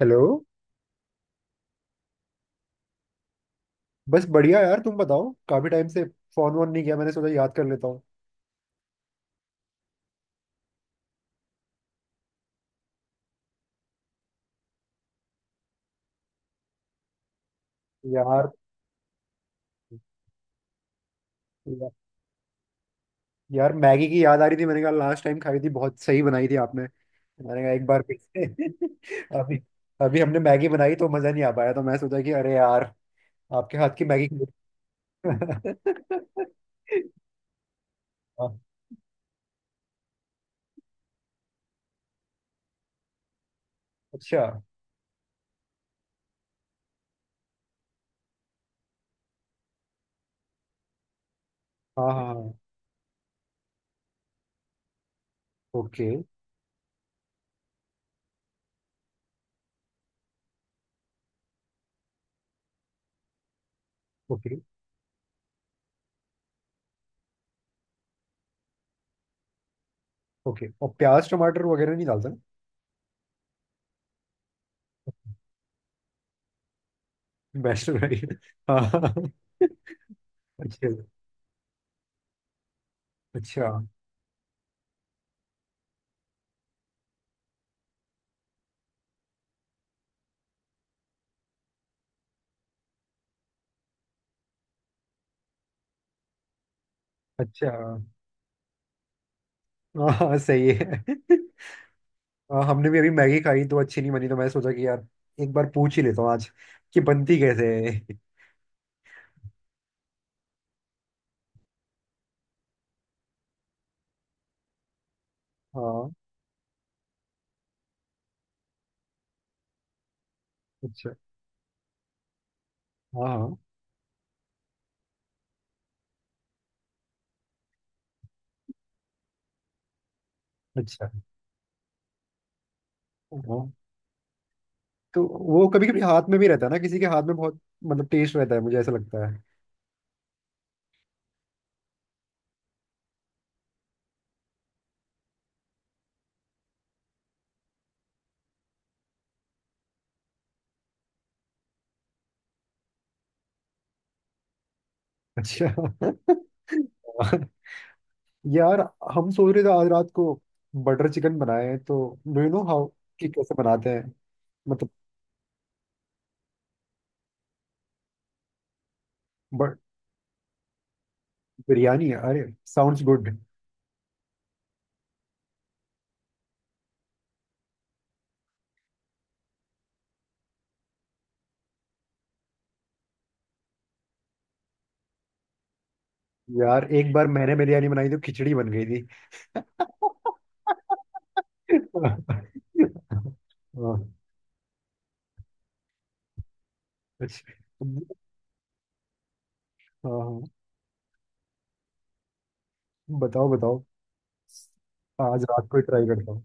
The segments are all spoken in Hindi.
हेलो। बस बढ़िया यार, तुम बताओ। काफी टाइम से फोन वोन नहीं किया, मैंने सोचा याद कर लेता हूँ यार। या, यार, मैगी की याद आ रही थी। मैंने कहा लास्ट टाइम खाई थी, बहुत सही बनाई थी आपने। मैंने कहा एक बार फिर से। अभी अभी हमने मैगी बनाई तो मजा नहीं आ पाया, तो मैं सोचा कि अरे यार, आपके हाथ की मैगी खा-। हाँ, अच्छा। हाँ हाँ हाँ। ओके। ओके। ओके, और प्याज टमाटर वगैरह नहीं डालता ना। वैष्णव। हाँ। अच्छा। अच्छा। अच्छा। हाँ सही है। हाँ, हमने भी अभी मैगी खाई तो अच्छी नहीं बनी, तो मैं सोचा कि यार एक बार पूछ ही लेता हूँ आज कि बनती कैसे है। हाँ। अच्छा। हाँ हाँ। अच्छा। हाँ। तो वो कभी कभी हाथ में भी रहता है ना, किसी के हाथ में बहुत मतलब टेस्ट रहता है, मुझे ऐसा लगता है। अच्छा। यार, हम सोच रहे थे आज रात को बटर चिकन बनाए तो डू यू नो हाउ कि कैसे बनाते हैं मतलब। बट बिरयानी, अरे साउंड्स गुड। यार एक बार मैंने बिरयानी बनाई तो खिचड़ी बन गई थी। हाँ, अच्छा। हाँ हाँ, बताओ बताओ। आज रात को ही ट्राई करता हूँ।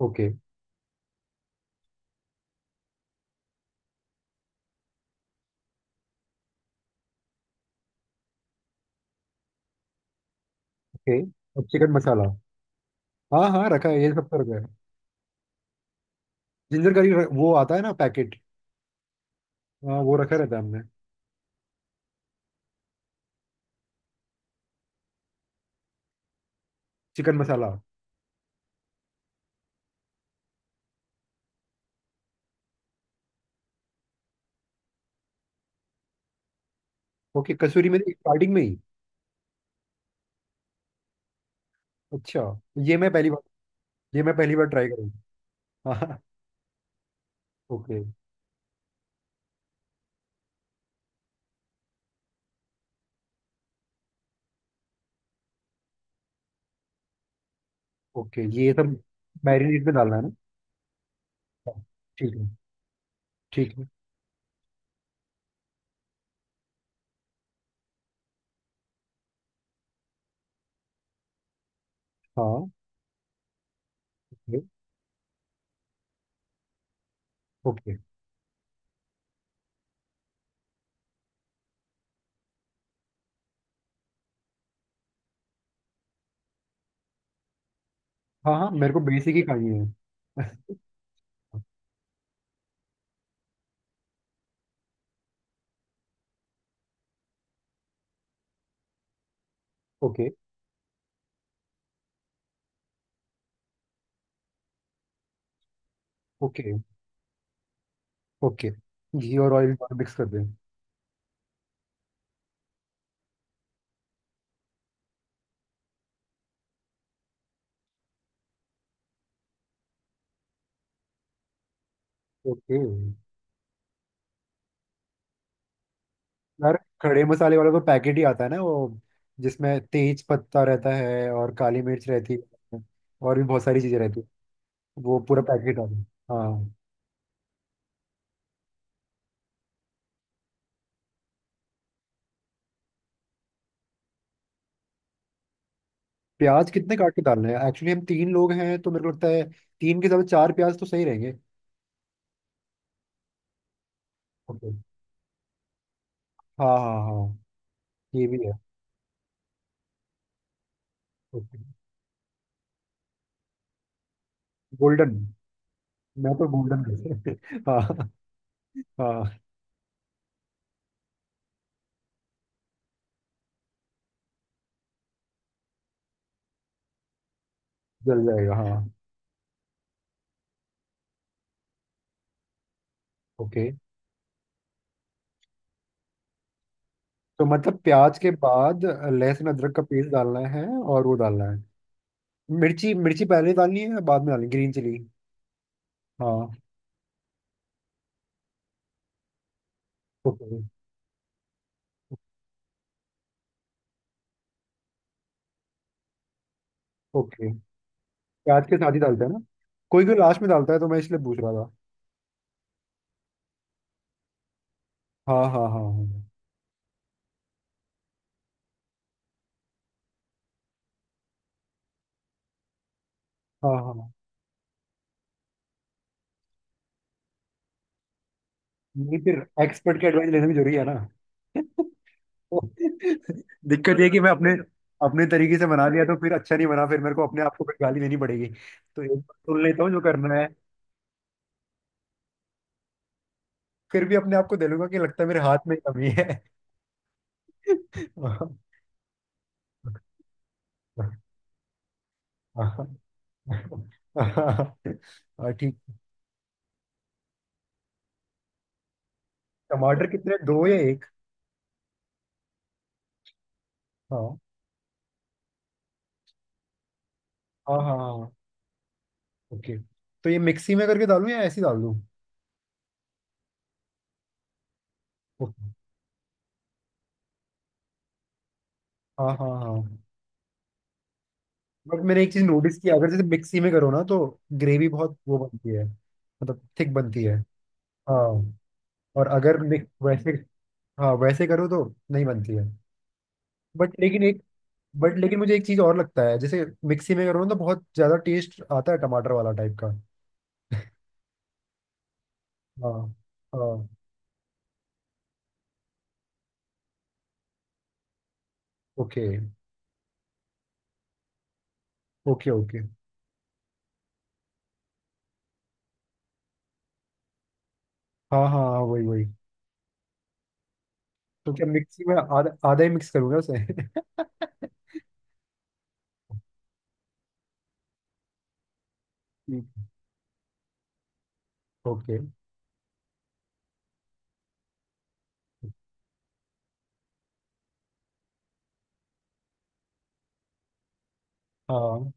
ओके। ओके। अब चिकन मसाला। हाँ हाँ, रखा है, ये सब तो रखा है। जिंजर करी वो आता है ना पैकेट। हाँ वो रखा रहता है हमने। चिकन मसाला। ओके, कसूरी मेथी स्टार्टिंग में ही। अच्छा, ये मैं पहली बार ये मैं पहली बार ट्राई करूँगा। हाँ। ओके। ओके ये सब। मैरिनेट में डालना है ना। हाँ, ठीक है। ठीक है। हाँ। ओके। ओके। हाँ हाँ, मेरे को बेसिक ही खानी है। ओके। ओके। ओके, घी और ऑयल दोनों मिक्स कर दें। ओके। यार, खड़े मसाले वाला तो पैकेट ही आता है ना वो, जिसमें तेज पत्ता रहता है और काली मिर्च रहती है, और भी बहुत सारी चीजें रहती है। वो पूरा पैकेट आता है। हाँ। प्याज कितने काट के डालने हैं? एक्चुअली हम तीन लोग हैं तो मेरे को लगता है तीन के साथ चार प्याज तो सही रहेंगे। ओके। हाँ हाँ हाँ। ये भी है। ओके। गोल्डन, मैं तो गोल्डन। हाँ। हाँ जल जाएगा। हाँ। ओके। तो मतलब प्याज के बाद लहसुन अदरक का पेस्ट डालना है, और वो डालना है मिर्ची। मिर्ची पहले डालनी है या बाद में डालनी, ग्रीन चिली? हाँ। ओके। ओके, प्याज के साथ ही डालते हैं ना? कोई कोई लास्ट में डालता है, तो मैं इसलिए पूछ रहा था। हाँ हाँ हाँ हाँ। हाँ हाँ। नहीं, फिर एक्सपर्ट की एडवाइस लेना भी जरूरी है ना। दिक्कत ये है कि मैं अपने अपने तरीके से बना लिया तो फिर अच्छा नहीं बना, फिर मेरे को अपने आप को फिर गाली देनी पड़ेगी। तो एक बार सुन लेता हूँ जो करना है, फिर भी अपने आप को दे लूंगा कि लगता है मेरे हाथ में कमी है। हाँ। ठीक। टमाटर कितने, दो या एक? हाँ हाँ हाँ। हाँ। ओके। तो ये मिक्सी में करके डालूं या ऐसे ही डाल दूं? ओके। हाँ हाँ हाँ। बट मैंने एक चीज नोटिस की, अगर जैसे मिक्सी में करो ना तो ग्रेवी बहुत वो बनती है, मतलब थिक बनती है। हाँ। और अगर वैसे। हाँ वैसे करो तो नहीं बनती है। बट लेकिन एक बट लेकिन मुझे एक चीज और लगता है, जैसे मिक्सी में करो ना तो बहुत ज्यादा टेस्ट आता है टमाटर वाला टाइप का। हाँ हाँ। ओके। ओके। ओके। हाँ हाँ हाँ, वही वही। तो क्या मिक्सी में आधा आधा ही मिक्स करूंगा उसे? ठीक। ओके। हाँ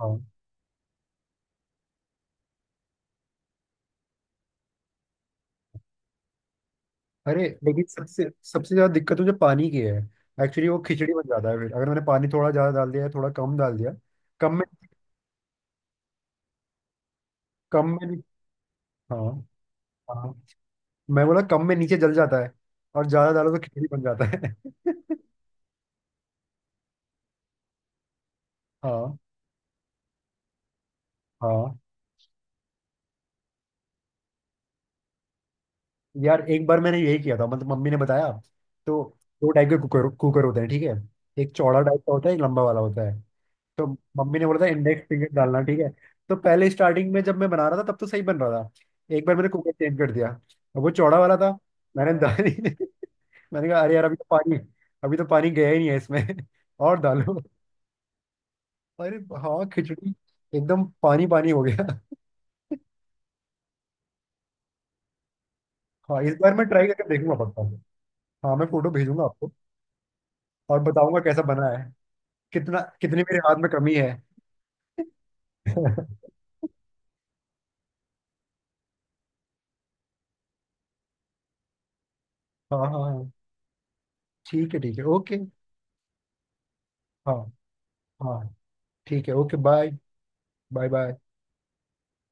हाँ। अरे लेकिन सबसे सबसे ज्यादा दिक्कत मुझे पानी की है। एक्चुअली वो खिचड़ी बन जाता है, फिर अगर मैंने पानी थोड़ा ज्यादा डाल दिया है, थोड़ा कम डाल दिया। कम में। कम में नहीं। हाँ हाँ हाँ। मैं बोला कम में नीचे जल जाता है, और ज्यादा डालो तो खिचड़ी बन जाता है। हाँ। हाँ यार, एक बार मैंने यही किया था, मतलब मम्मी ने बताया तो दो टाइप के कुकर कुकर होते हैं, ठीक है? एक चौड़ा टाइप का होता है, एक लंबा वाला होता है। तो मम्मी ने बोला था इंडेक्स फिंगर डालना, ठीक है? तो पहले स्टार्टिंग में जब मैं बना रहा था तब तो सही बन रहा था, एक बार मैंने कुकर चेंज कर दिया, अब वो चौड़ा वाला था। मैंने दाल ही नहीं- मैंने कहा अरे यार, अभी तो पानी गया ही नहीं है इसमें। और डालो। अरे। हाँ खिचड़ी। एकदम पानी पानी हो गया। हाँ इस बार मैं ट्राई करके देखूंगा पक्का। हाँ मैं फोटो भेजूंगा आपको, और बताऊंगा कैसा बना है, कितना कितनी मेरे हाथ में कमी है। हाँ हाँ हाँ। ठीक है ठीक है, ओके। हाँ हाँ। ठीक है, ओके, बाय। Bye bye.